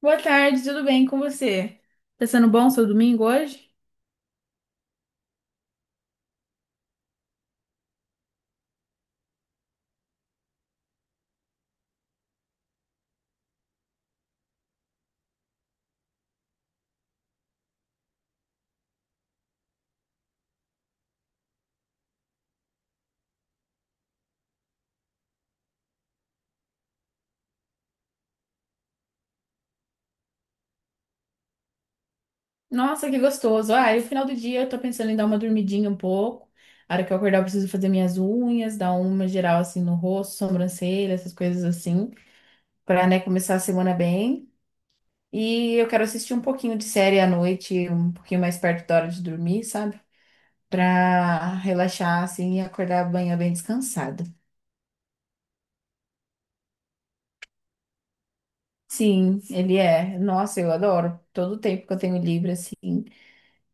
Boa tarde, tudo bem com você? Tá sendo bom seu domingo hoje? Nossa, que gostoso. Ah, e o final do dia eu tô pensando em dar uma dormidinha um pouco. A hora que eu acordar, eu preciso fazer minhas unhas, dar uma geral assim no rosto, sobrancelha, essas coisas assim, pra, né, começar a semana bem. E eu quero assistir um pouquinho de série à noite, um pouquinho mais perto da hora de dormir, sabe? Pra relaxar assim e acordar amanhã bem descansada. Sim, ele é. Nossa, eu adoro. Todo o tempo que eu tenho livre assim.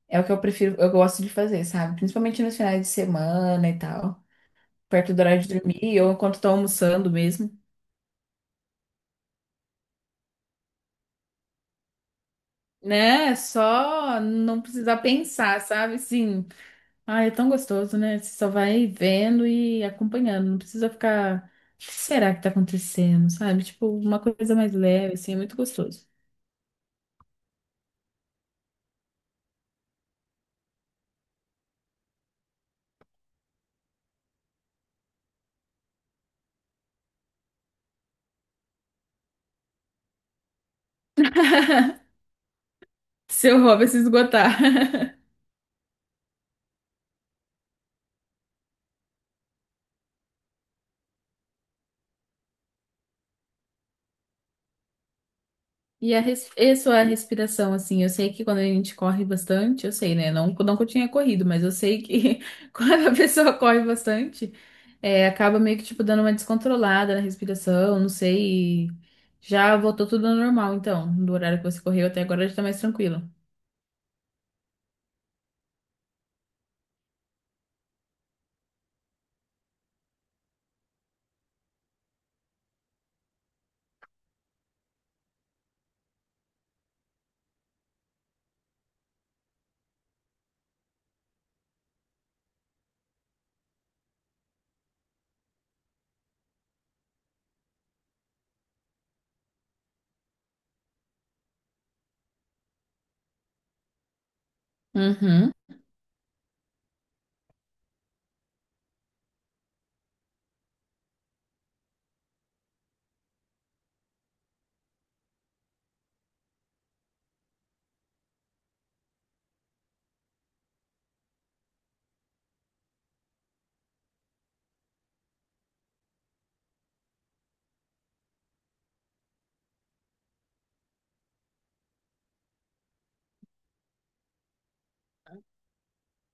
É o que eu prefiro, eu gosto de fazer, sabe? Principalmente nos finais de semana e tal, perto do horário de dormir ou enquanto tô almoçando mesmo. Né? Só não precisar pensar, sabe? Sim. Ah, é tão gostoso, né? Você só vai vendo e acompanhando, não precisa ficar. O que será que tá acontecendo, sabe? Tipo, uma coisa mais leve, assim, é muito gostoso. Seu hobby é se esgotar. E a, res... e sua respiração, assim, eu sei que quando a gente corre bastante, eu sei, né? Não, não que eu tinha corrido, mas eu sei que quando a pessoa corre bastante, é, acaba meio que, tipo, dando uma descontrolada na respiração, não sei. Já voltou tudo ao normal, então, do horário que você correu até agora já tá mais tranquilo. Uhum.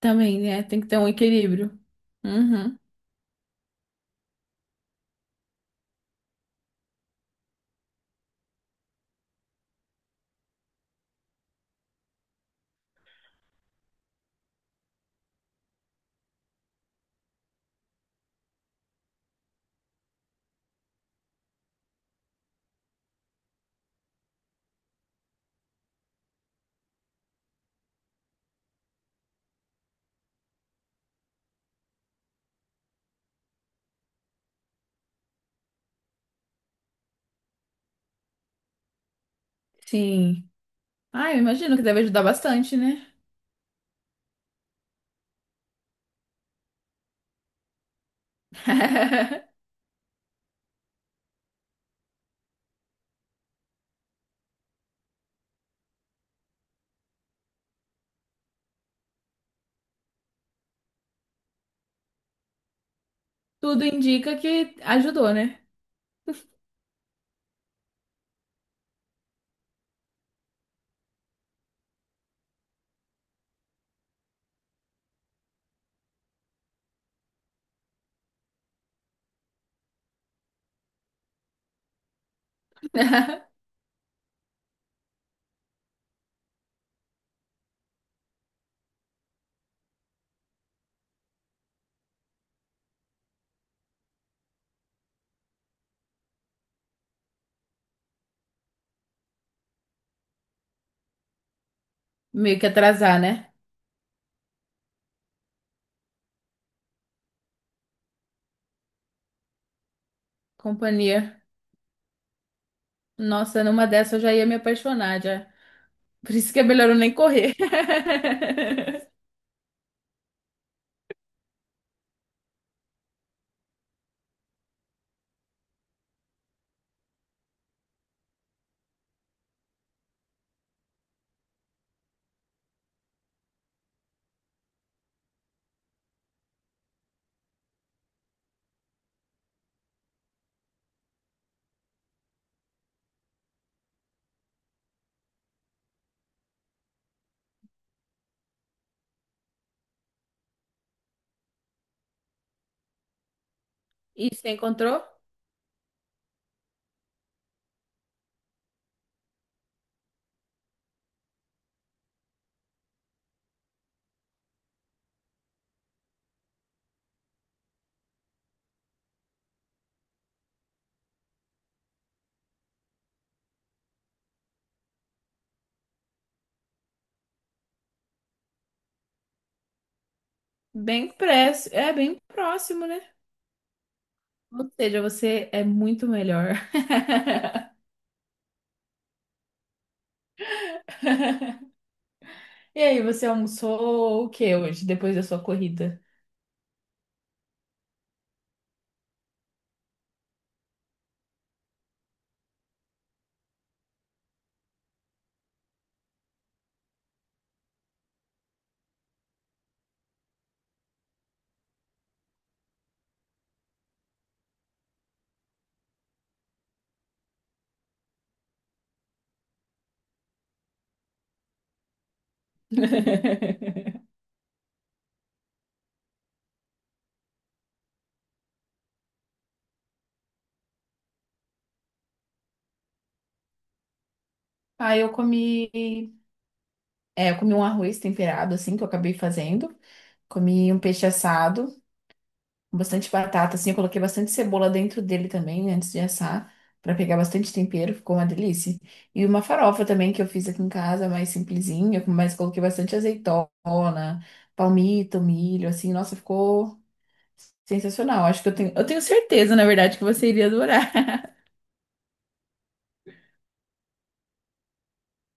Também, né? Tem que ter um equilíbrio. Uhum. Sim. Ah, eu imagino que deve ajudar bastante, né? Tudo indica que ajudou, né? Meio que atrasar, né? Companhia. Nossa, numa dessa eu já ia me apaixonar já. Por isso que é melhor eu nem correr. E você encontrou? Bem preço É bem próximo, né? Ou seja, você é muito melhor. E aí, você almoçou o que hoje, depois da sua corrida? Ah, eu comi um arroz temperado, assim, que eu acabei fazendo. Comi um peixe assado. Bastante batata, assim, eu coloquei bastante cebola dentro dele também, né, antes de assar, pra pegar bastante tempero, ficou uma delícia. E uma farofa também que eu fiz aqui em casa, mais simplesinha, mas coloquei bastante azeitona, palmito, milho, assim, nossa, ficou sensacional. Acho que eu tenho certeza, na verdade, que você iria adorar.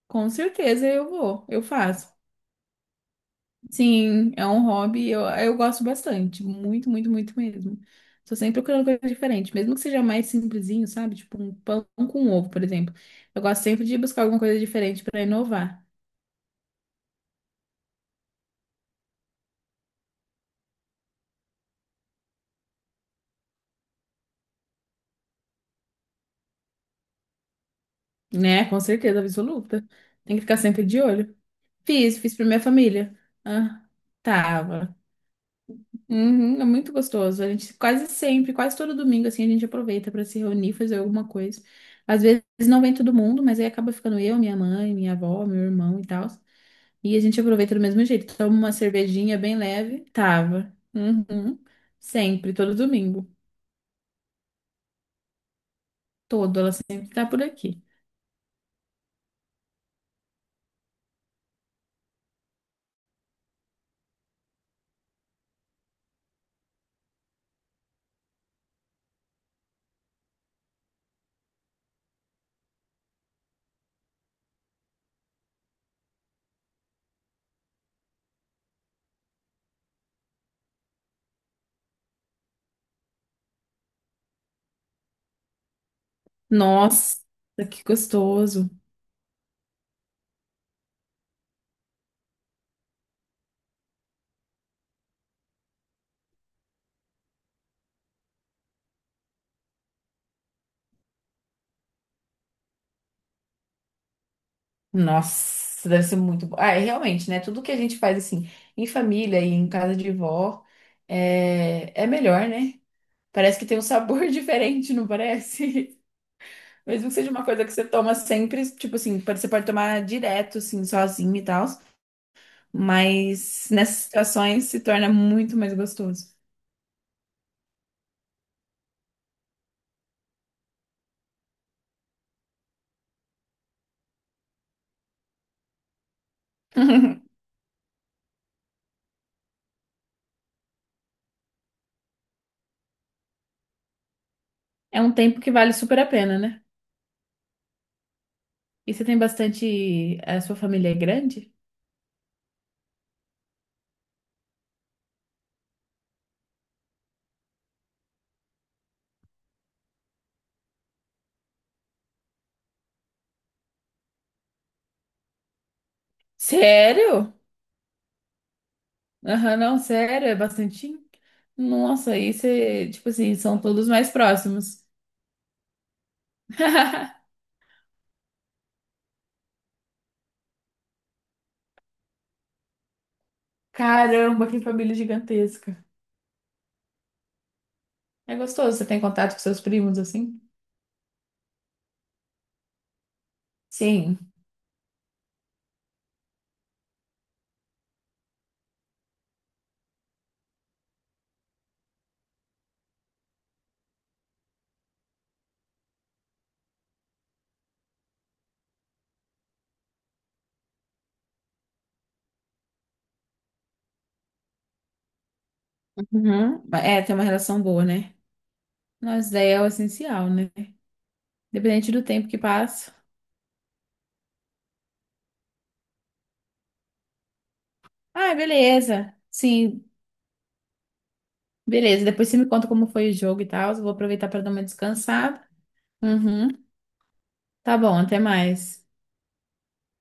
Com certeza eu vou, eu faço. Sim, é um hobby, eu gosto bastante, muito mesmo. Tô sempre procurando coisa diferente, mesmo que seja mais simplesinho, sabe? Tipo um pão com ovo, por exemplo. Eu gosto sempre de buscar alguma coisa diferente para inovar, né? Com certeza absoluta. Tem que ficar sempre de olho. Fiz pra minha família. Ah, tava. Uhum, é muito gostoso. A gente quase sempre, quase todo domingo, assim, a gente aproveita para se reunir, fazer alguma coisa. Às vezes não vem todo mundo, mas aí acaba ficando eu, minha mãe, minha avó, meu irmão e tal. E a gente aproveita do mesmo jeito. Toma uma cervejinha bem leve. Tava. Uhum. Sempre, todo domingo. Todo, ela sempre tá por aqui. Nossa, que gostoso. Nossa, deve ser muito bom. Ah, é realmente, né? Tudo que a gente faz assim, em família e em casa de vó, é melhor, né? Parece que tem um sabor diferente, não parece? Mesmo que seja uma coisa que você toma sempre, tipo assim, pode- você pode tomar direto, assim, sozinho e tal. Mas nessas situações se torna muito mais gostoso. É um tempo que vale super a pena, né? E você tem bastante. A sua família é grande? Sério? Aham, não, sério, é bastante. Nossa, aí você, tipo assim, são todos mais próximos. Caramba, que família gigantesca. É gostoso, você tem contato com seus primos assim? Sim. Uhum. É, tem uma relação boa, né? Nossa, daí é o essencial, né? Independente do tempo que passa. Ah, beleza. Sim, beleza, depois você me conta como foi o jogo e tal. Eu vou aproveitar para dar uma descansada. Uhum. Tá bom, até mais.